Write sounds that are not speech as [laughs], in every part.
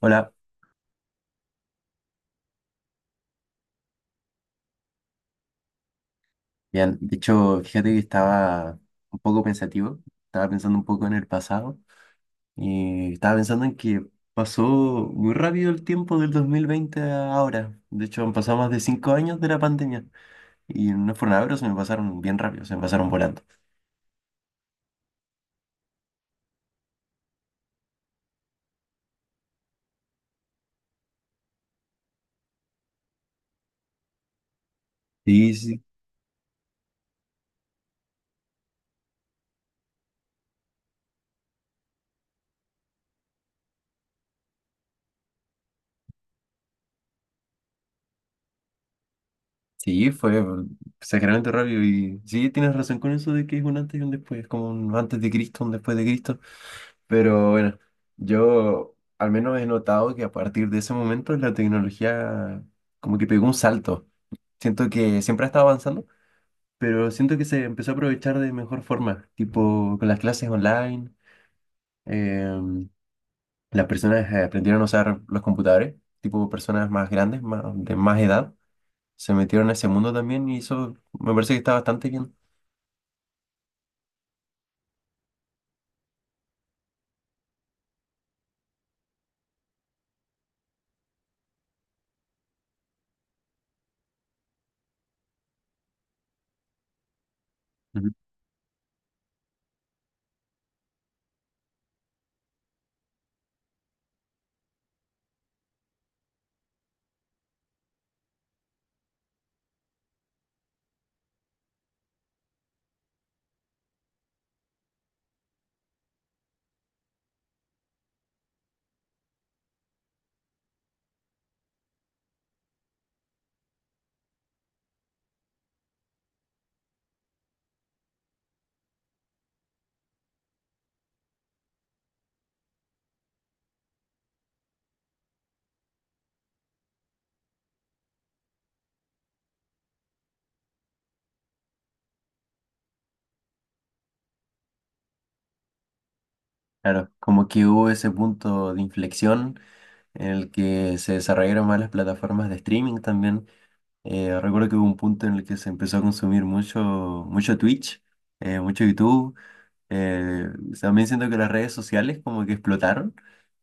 Hola, bien. De hecho, fíjate que estaba un poco pensativo, estaba pensando un poco en el pasado y estaba pensando en que pasó muy rápido el tiempo del 2020 a ahora. De hecho, han pasado más de 5 años de la pandemia y no fueron nada, pero se me pasaron bien rápido, se me pasaron volando. Sí, sí. Sí, fue exageradamente rápido y sí, tienes razón con eso de que es un antes y un después, es como un antes de Cristo, un después de Cristo. Pero bueno, yo al menos he notado que a partir de ese momento la tecnología como que pegó un salto. Siento que siempre ha estado avanzando, pero siento que se empezó a aprovechar de mejor forma, tipo con las clases online, em, las personas aprendieron a usar los computadores, tipo personas más grandes, más, de más edad, se metieron a ese mundo también y eso me parece que está bastante bien. Ujú. Claro, como que hubo ese punto de inflexión en el que se desarrollaron más las plataformas de streaming también. Recuerdo que hubo un punto en el que se empezó a consumir mucho, mucho Twitch, mucho YouTube. Eh, También siento que las redes sociales como que explotaron,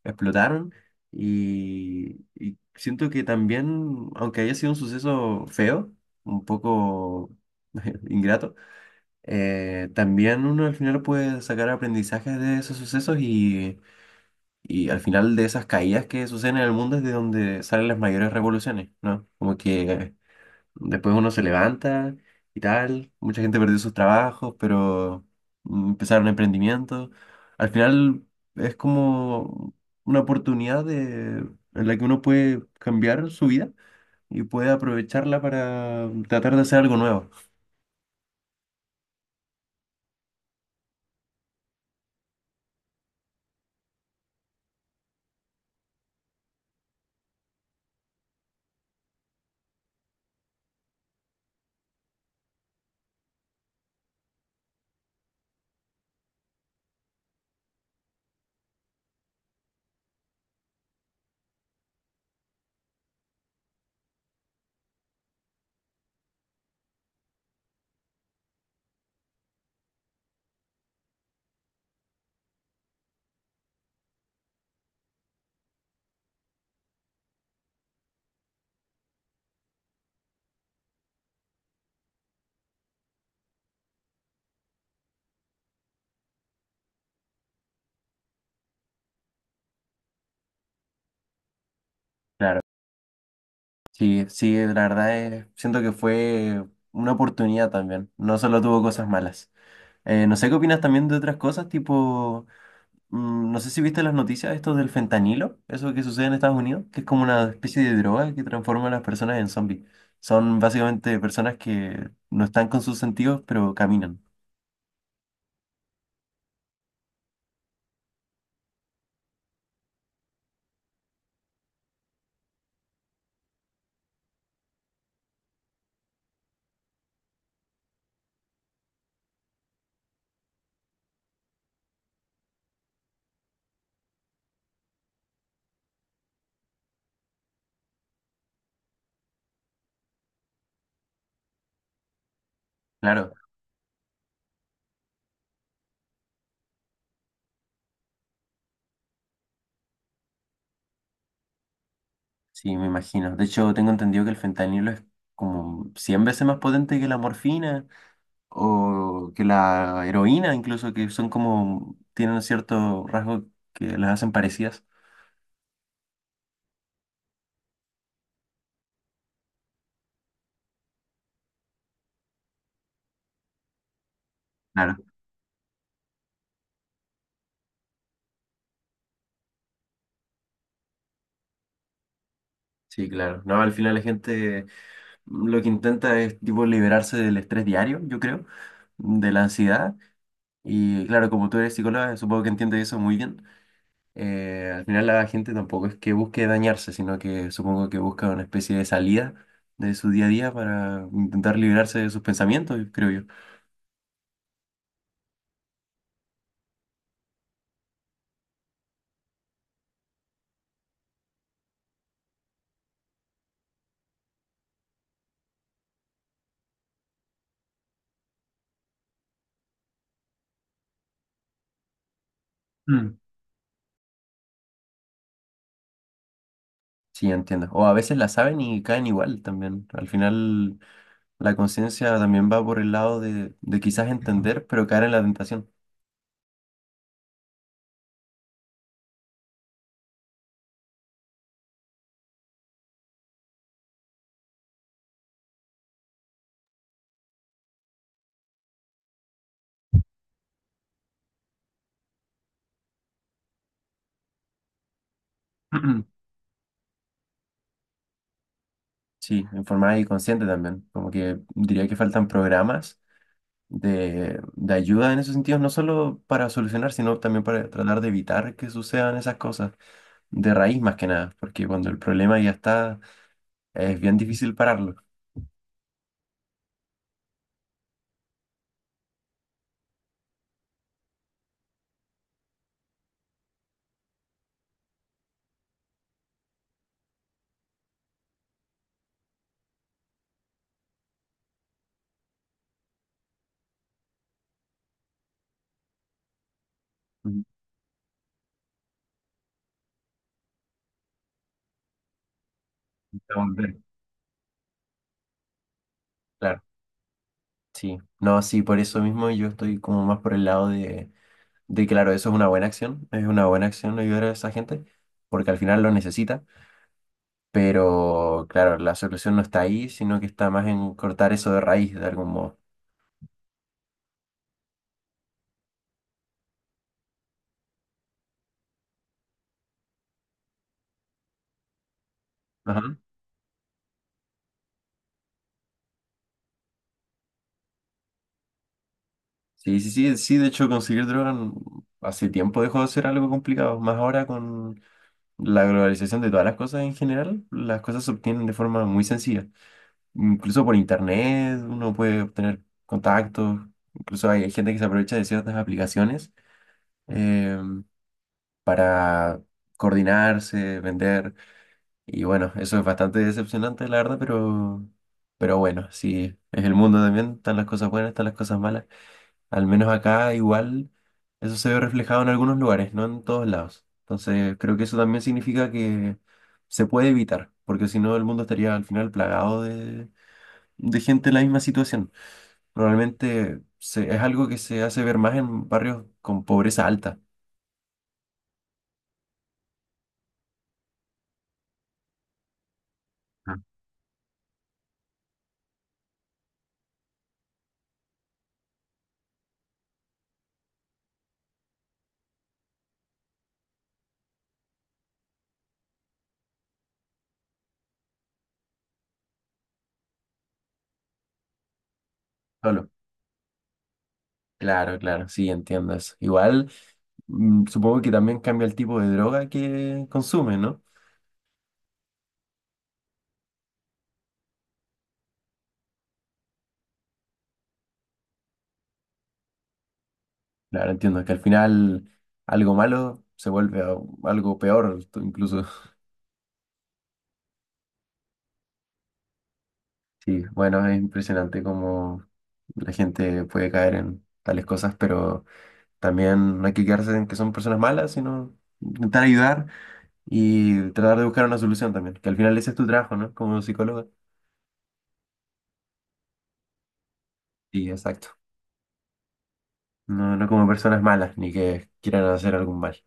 explotaron y siento que también, aunque haya sido un suceso feo, un poco [laughs] ingrato, también uno al final puede sacar aprendizajes de esos sucesos y al final de esas caídas que suceden en el mundo es de donde salen las mayores revoluciones, ¿no? Como que después uno se levanta y tal, mucha gente perdió sus trabajos, pero empezaron emprendimientos. Al final es como una oportunidad de, en la que uno puede cambiar su vida y puede aprovecharla para tratar de hacer algo nuevo. Claro. Sí, sí, la verdad es, siento que fue una oportunidad también, no solo tuvo cosas malas. No sé qué opinas también de otras cosas, tipo, no sé si viste las noticias, esto del fentanilo, eso que sucede en Estados Unidos, que es como una especie de droga que transforma a las personas en zombies. Son básicamente personas que no están con sus sentidos, pero caminan. Claro, sí, me imagino. De hecho, tengo entendido que el fentanilo es como 100 veces más potente que la morfina o que la heroína, incluso, que son como, tienen cierto rasgo que las hacen parecidas. Claro, sí, claro. No, al final la gente lo que intenta es tipo liberarse del estrés diario, yo creo, de la ansiedad. Y claro, como tú eres psicóloga, supongo que entiendes eso muy bien. Al final la gente tampoco es que busque dañarse, sino que supongo que busca una especie de salida de su día a día para intentar liberarse de sus pensamientos, creo yo. Mm. Sí, entiendo. O a veces la saben y caen igual también. Al final la conciencia también va por el lado de quizás entender, pero caer en la tentación. [clears throat] Sí, informada y consciente también. Como que diría que faltan programas de ayuda en esos sentidos, no solo para solucionar, sino también para tratar de evitar que sucedan esas cosas, de raíz más que nada, porque cuando el problema ya está, es bien difícil pararlo. Ujú. Entonces, claro, sí. No, sí, por eso mismo yo estoy como más por el lado de claro, eso es una buena acción, es una buena acción ayudar a esa gente, porque al final lo necesita. Pero claro, la solución no está ahí, sino que está más en cortar eso de raíz de algún modo. Ajá. Sí, sí, sí, sí, de hecho conseguir droga hace tiempo dejó de ser algo complicado, más ahora con la globalización de todas las cosas en general, las cosas se obtienen de forma muy sencilla. Incluso por internet uno puede obtener contactos, incluso hay, hay gente que se aprovecha de ciertas aplicaciones eh, para coordinarse, vender. Y bueno, eso es bastante decepcionante, la verdad, pero bueno, sí, es el mundo también, están las cosas buenas, están las cosas malas. Al menos acá igual eso se ve reflejado en algunos lugares, no en todos lados. Entonces creo que eso también significa que se puede evitar, porque si no el mundo estaría al final plagado de gente en la misma situación. Normalmente es algo que se hace ver más en barrios con pobreza alta. Ah, solo. Claro, claro, sí, entiendo eso. Igual. Mm, supongo que también cambia el tipo de droga que consume, ¿no? Claro, entiendo que al final algo malo se vuelve algo peor, tú incluso. [laughs] Sí, bueno, es impresionante cómo la gente puede caer en tales cosas, pero también no hay que quedarse en que son personas malas, sino intentar ayudar y tratar de buscar una solución también, que al final ese es tu trabajo, ¿no? Como psicólogo. Sí, exacto. No, no como personas malas, ni que quieran hacer algún mal.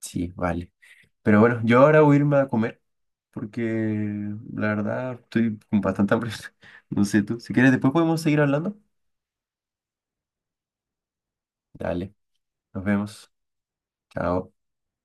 Sí, vale. Pero bueno, yo ahora voy a irme a comer porque la verdad estoy con bastante hambre. [laughs] No sé tú. Si quieres, después podemos seguir hablando. Dale, nos vemos. Chao.